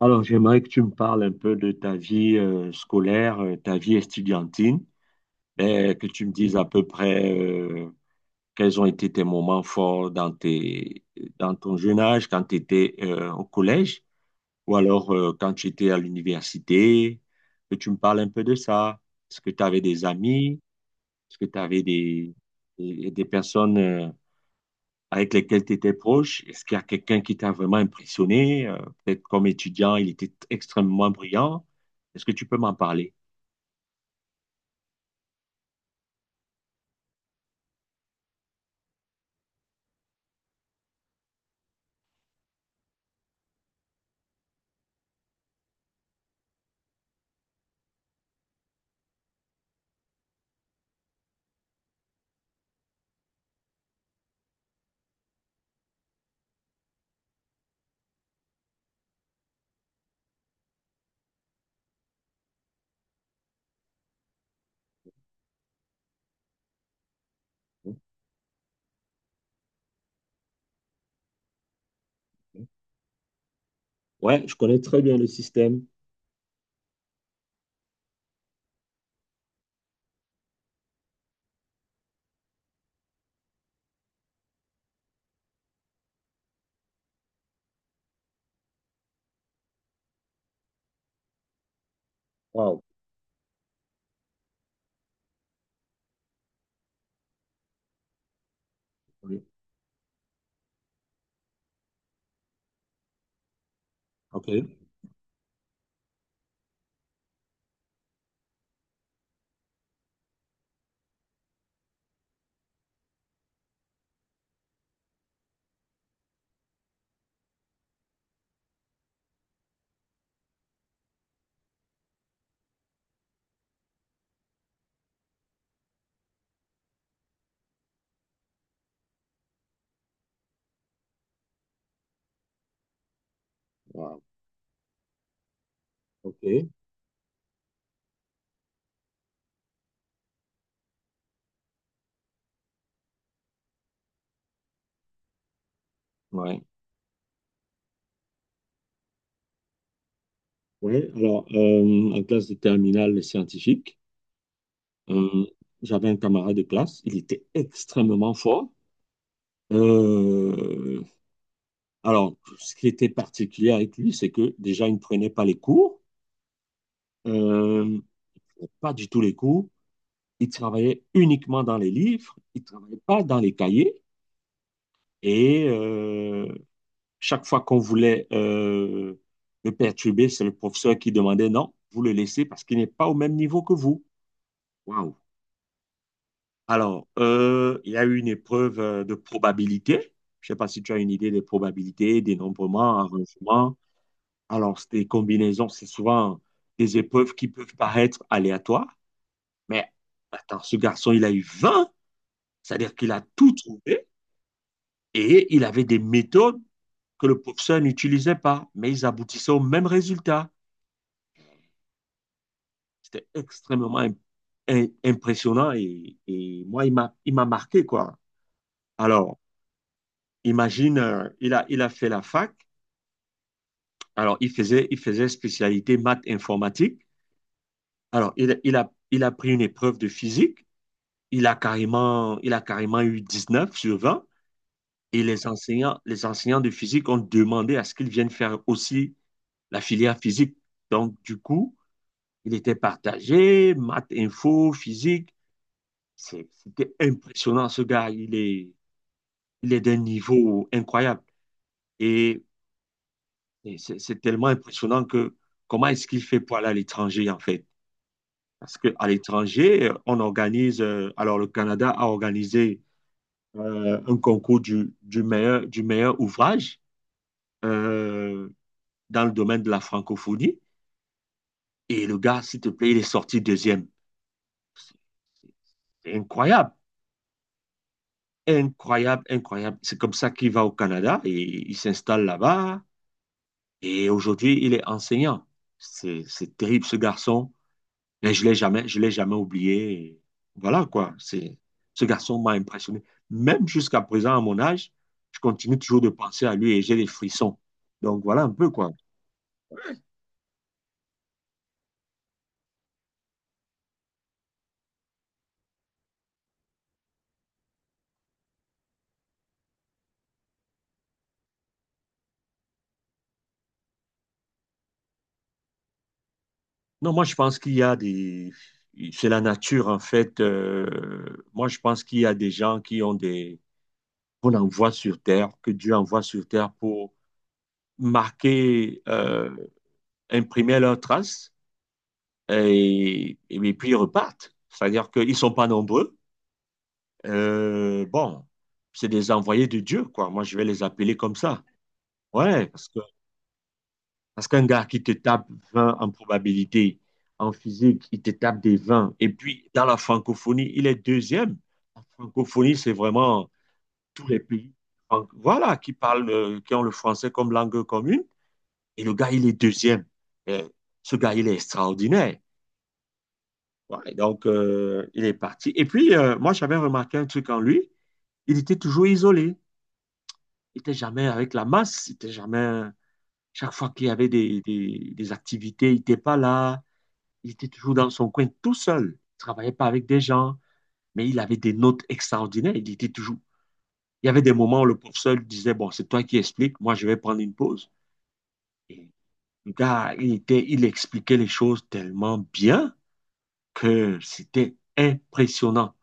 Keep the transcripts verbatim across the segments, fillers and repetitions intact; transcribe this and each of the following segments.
Alors, j'aimerais que tu me parles un peu de ta vie euh, scolaire, euh, ta vie estudiantine, et que tu me dises à peu près euh, quels ont été tes moments forts dans tes, dans ton jeune âge, quand tu étais euh, au collège, ou alors euh, quand tu étais à l'université, que tu me parles un peu de ça. Est-ce que tu avais des amis? Est-ce que tu avais des, des, des personnes euh, avec lesquels tu étais proche? Est-ce qu'il y a quelqu'un qui t'a vraiment impressionné? Euh, peut-être comme étudiant, il était extrêmement brillant. Est-ce que tu peux m'en parler? Ouais, je connais très bien le système. Wow. Oui. OK. Waouh. OK. Ouais. Ouais, alors, euh, en classe de terminale les scientifiques, euh, j'avais un camarade de classe, il était extrêmement fort. Euh, alors, ce qui était particulier avec lui, c'est que déjà, il ne prenait pas les cours, euh, pas du tout les cours. Il travaillait uniquement dans les livres, il ne travaillait pas dans les cahiers. Et euh, chaque fois qu'on voulait euh, le perturber, c'est le professeur qui demandait: non, vous le laissez parce qu'il n'est pas au même niveau que vous. Waouh. Alors, euh, il y a eu une épreuve euh, de probabilité. Je ne sais pas si tu as une idée des probabilités, dénombrement, arrangement. Alors, c'est des combinaisons, c'est souvent des épreuves qui peuvent paraître aléatoires. Mais attends, ce garçon, il a eu vingt. C'est-à-dire qu'il a tout trouvé. Et il avait des méthodes que le professeur n'utilisait pas, mais ils aboutissaient au même résultat. C'était extrêmement im- impressionnant, et, et moi, il m'a, il m'a marqué, quoi. Alors, imagine, euh, il a, il a fait la fac. Alors, il faisait, il faisait spécialité maths informatique. Alors, il, il a, il a pris une épreuve de physique. Il a carrément, il a carrément eu dix-neuf sur vingt. Et les enseignants, les enseignants de physique ont demandé à ce qu'ils viennent faire aussi la filière physique. Donc, du coup, il était partagé, maths, info, physique. C'était impressionnant, ce gars. Il est, il est d'un niveau incroyable. Et, et c'est tellement impressionnant que comment est-ce qu'il fait pour aller à l'étranger, en fait? Parce qu'à l'étranger, euh, on organise, euh, alors le Canada a organisé euh, un concours du, du meilleur, du meilleur ouvrage euh, dans le domaine de la francophonie. Et le gars, s'il te plaît, il est sorti deuxième. C'est incroyable. Incroyable, incroyable. C'est comme ça qu'il va au Canada et il s'installe là-bas. Et aujourd'hui, il est enseignant. C'est, c'est terrible, ce garçon. Mais je l'ai jamais, je l'ai jamais oublié. Et voilà, quoi. C'est, ce garçon m'a impressionné. Même jusqu'à présent, à mon âge, je continue toujours de penser à lui et j'ai des frissons. Donc, voilà un peu, quoi. Non, moi, je pense qu'il y a des... c'est la nature, en fait. Euh, moi, je pense qu'il y a des gens qui ont des... qu'on envoie sur Terre, que Dieu envoie sur Terre pour marquer, euh, imprimer leurs traces, et, et puis ils repartent. C'est-à-dire qu'ils ne sont pas nombreux. Euh, bon, c'est des envoyés de Dieu, quoi. Moi, je vais les appeler comme ça. Ouais, parce que parce qu'un gars qui te tape vingt en probabilité, en physique, il te tape des vingt. Et puis, dans la francophonie, il est deuxième. La francophonie, c'est vraiment tous les pays. Donc, voilà, qui parlent, euh, qui ont le français comme langue commune. Et le gars, il est deuxième. Et ce gars, il est extraordinaire. Ouais, donc, euh, il est parti. Et puis, euh, moi, j'avais remarqué un truc en lui. Il était toujours isolé. Il n'était jamais avec la masse. Il était jamais. Chaque fois qu'il y avait des, des- des activités, il n'était pas là. Il était toujours dans son coin tout seul. Il travaillait pas avec des gens. Mais il avait des notes extraordinaires. Il était toujours. Il y avait des moments où le professeur lui disait: bon, c'est toi qui expliques. Moi, je vais prendre une pause. Et le gars, il était, il expliquait les choses tellement bien que c'était impressionnant.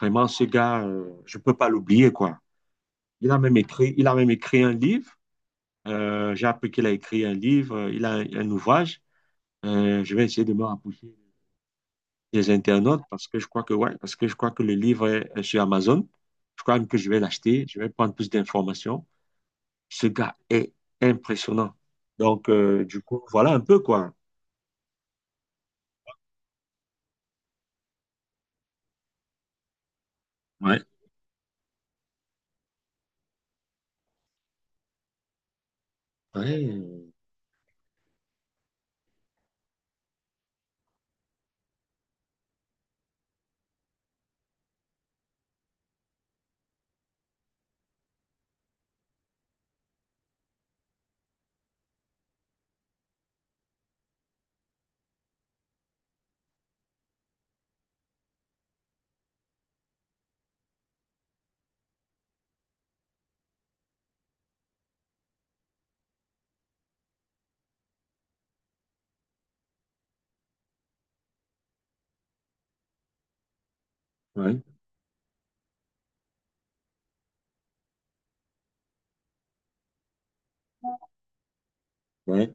Vraiment, ce gars, euh, je ne peux pas l'oublier, quoi. Il a même écrit, il a même écrit un livre. Euh, j'ai appris qu'il a écrit un livre, euh, il a un, un ouvrage. Euh, je vais essayer de me rapprocher des internautes parce que je crois que ouais, parce que je crois que le livre est, est sur Amazon. Je crois même que je vais l'acheter. Je vais prendre plus d'informations. Ce gars est impressionnant. Donc, euh, du coup, voilà un peu, quoi. Ouais. Ouais, ouais, ouais,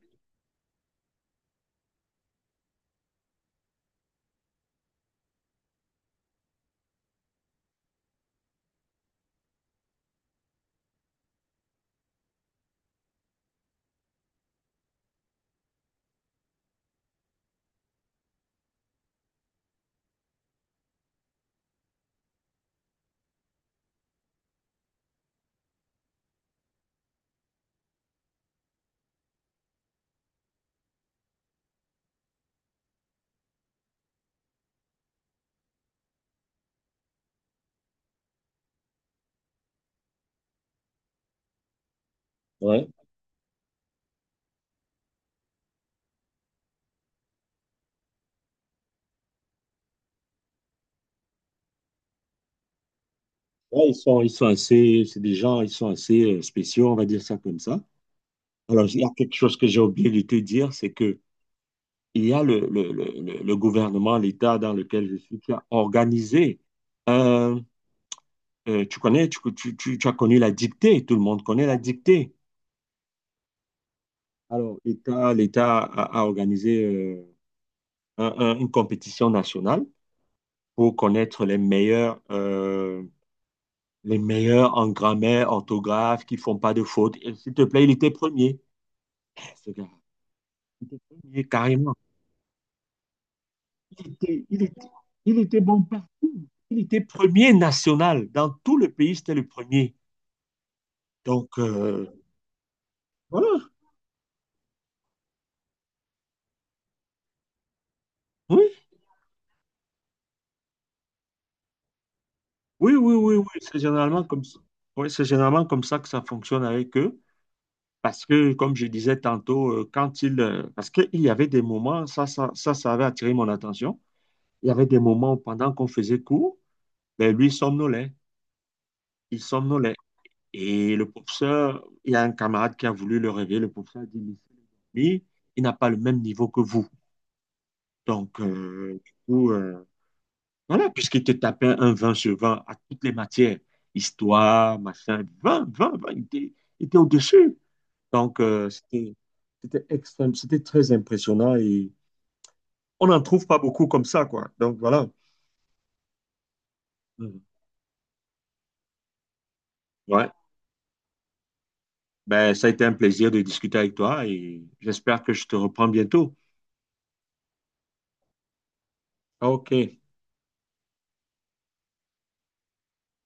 ouais. Ouais, ils sont, ils sont assez, c'est des gens, ils sont assez euh, spéciaux, on va dire ça comme ça. Alors, il y a quelque chose que j'ai oublié de te dire, c'est que il y a le, le, le, le- le gouvernement, l'État dans lequel je suis, qui a organisé, euh, euh, tu connais, tu, tu, tu, tu as connu la dictée, tout le monde connaît la dictée. Alors, l'État, l'État a, a organisé euh, un- un- une compétition nationale pour connaître les meilleurs, euh, les meilleurs en grammaire, orthographe, qui font pas de fautes. Et S'il te plaît, il était premier. Eh, Ce gars. Et carrément. Il était, il était, il était bon partout. Il était premier national. Dans tout le pays, c'était le premier. Donc, euh, voilà. Oui, oui, oui, oui, oui. C'est généralement comme ça. Oui, c'est généralement comme ça que ça fonctionne avec eux. Parce que, comme je disais tantôt, euh, quand il, euh, parce qu'il y avait des moments, ça, ça, ça, ça avait attiré mon attention. Il y avait des moments où, pendant qu'on faisait cours, ben, lui somnolait. Il somnolait. Et le professeur, il y a un camarade qui a voulu le réveiller. Le professeur a dit, mais lui, il n'a pas le même niveau que vous. Donc, euh, du coup, euh, voilà, puisqu'il te tapait un vingt sur vingt à toutes les matières, histoire, machin, vingt, vingt, vingt, il était, il était au-dessus. Donc, euh, c'était, c'était extrême, c'était très impressionnant et on n'en trouve pas beaucoup comme ça, quoi. Donc, voilà. Mhm. Ouais, ben, ça a été un plaisir de discuter avec toi et j'espère que je te reprends bientôt. Ok.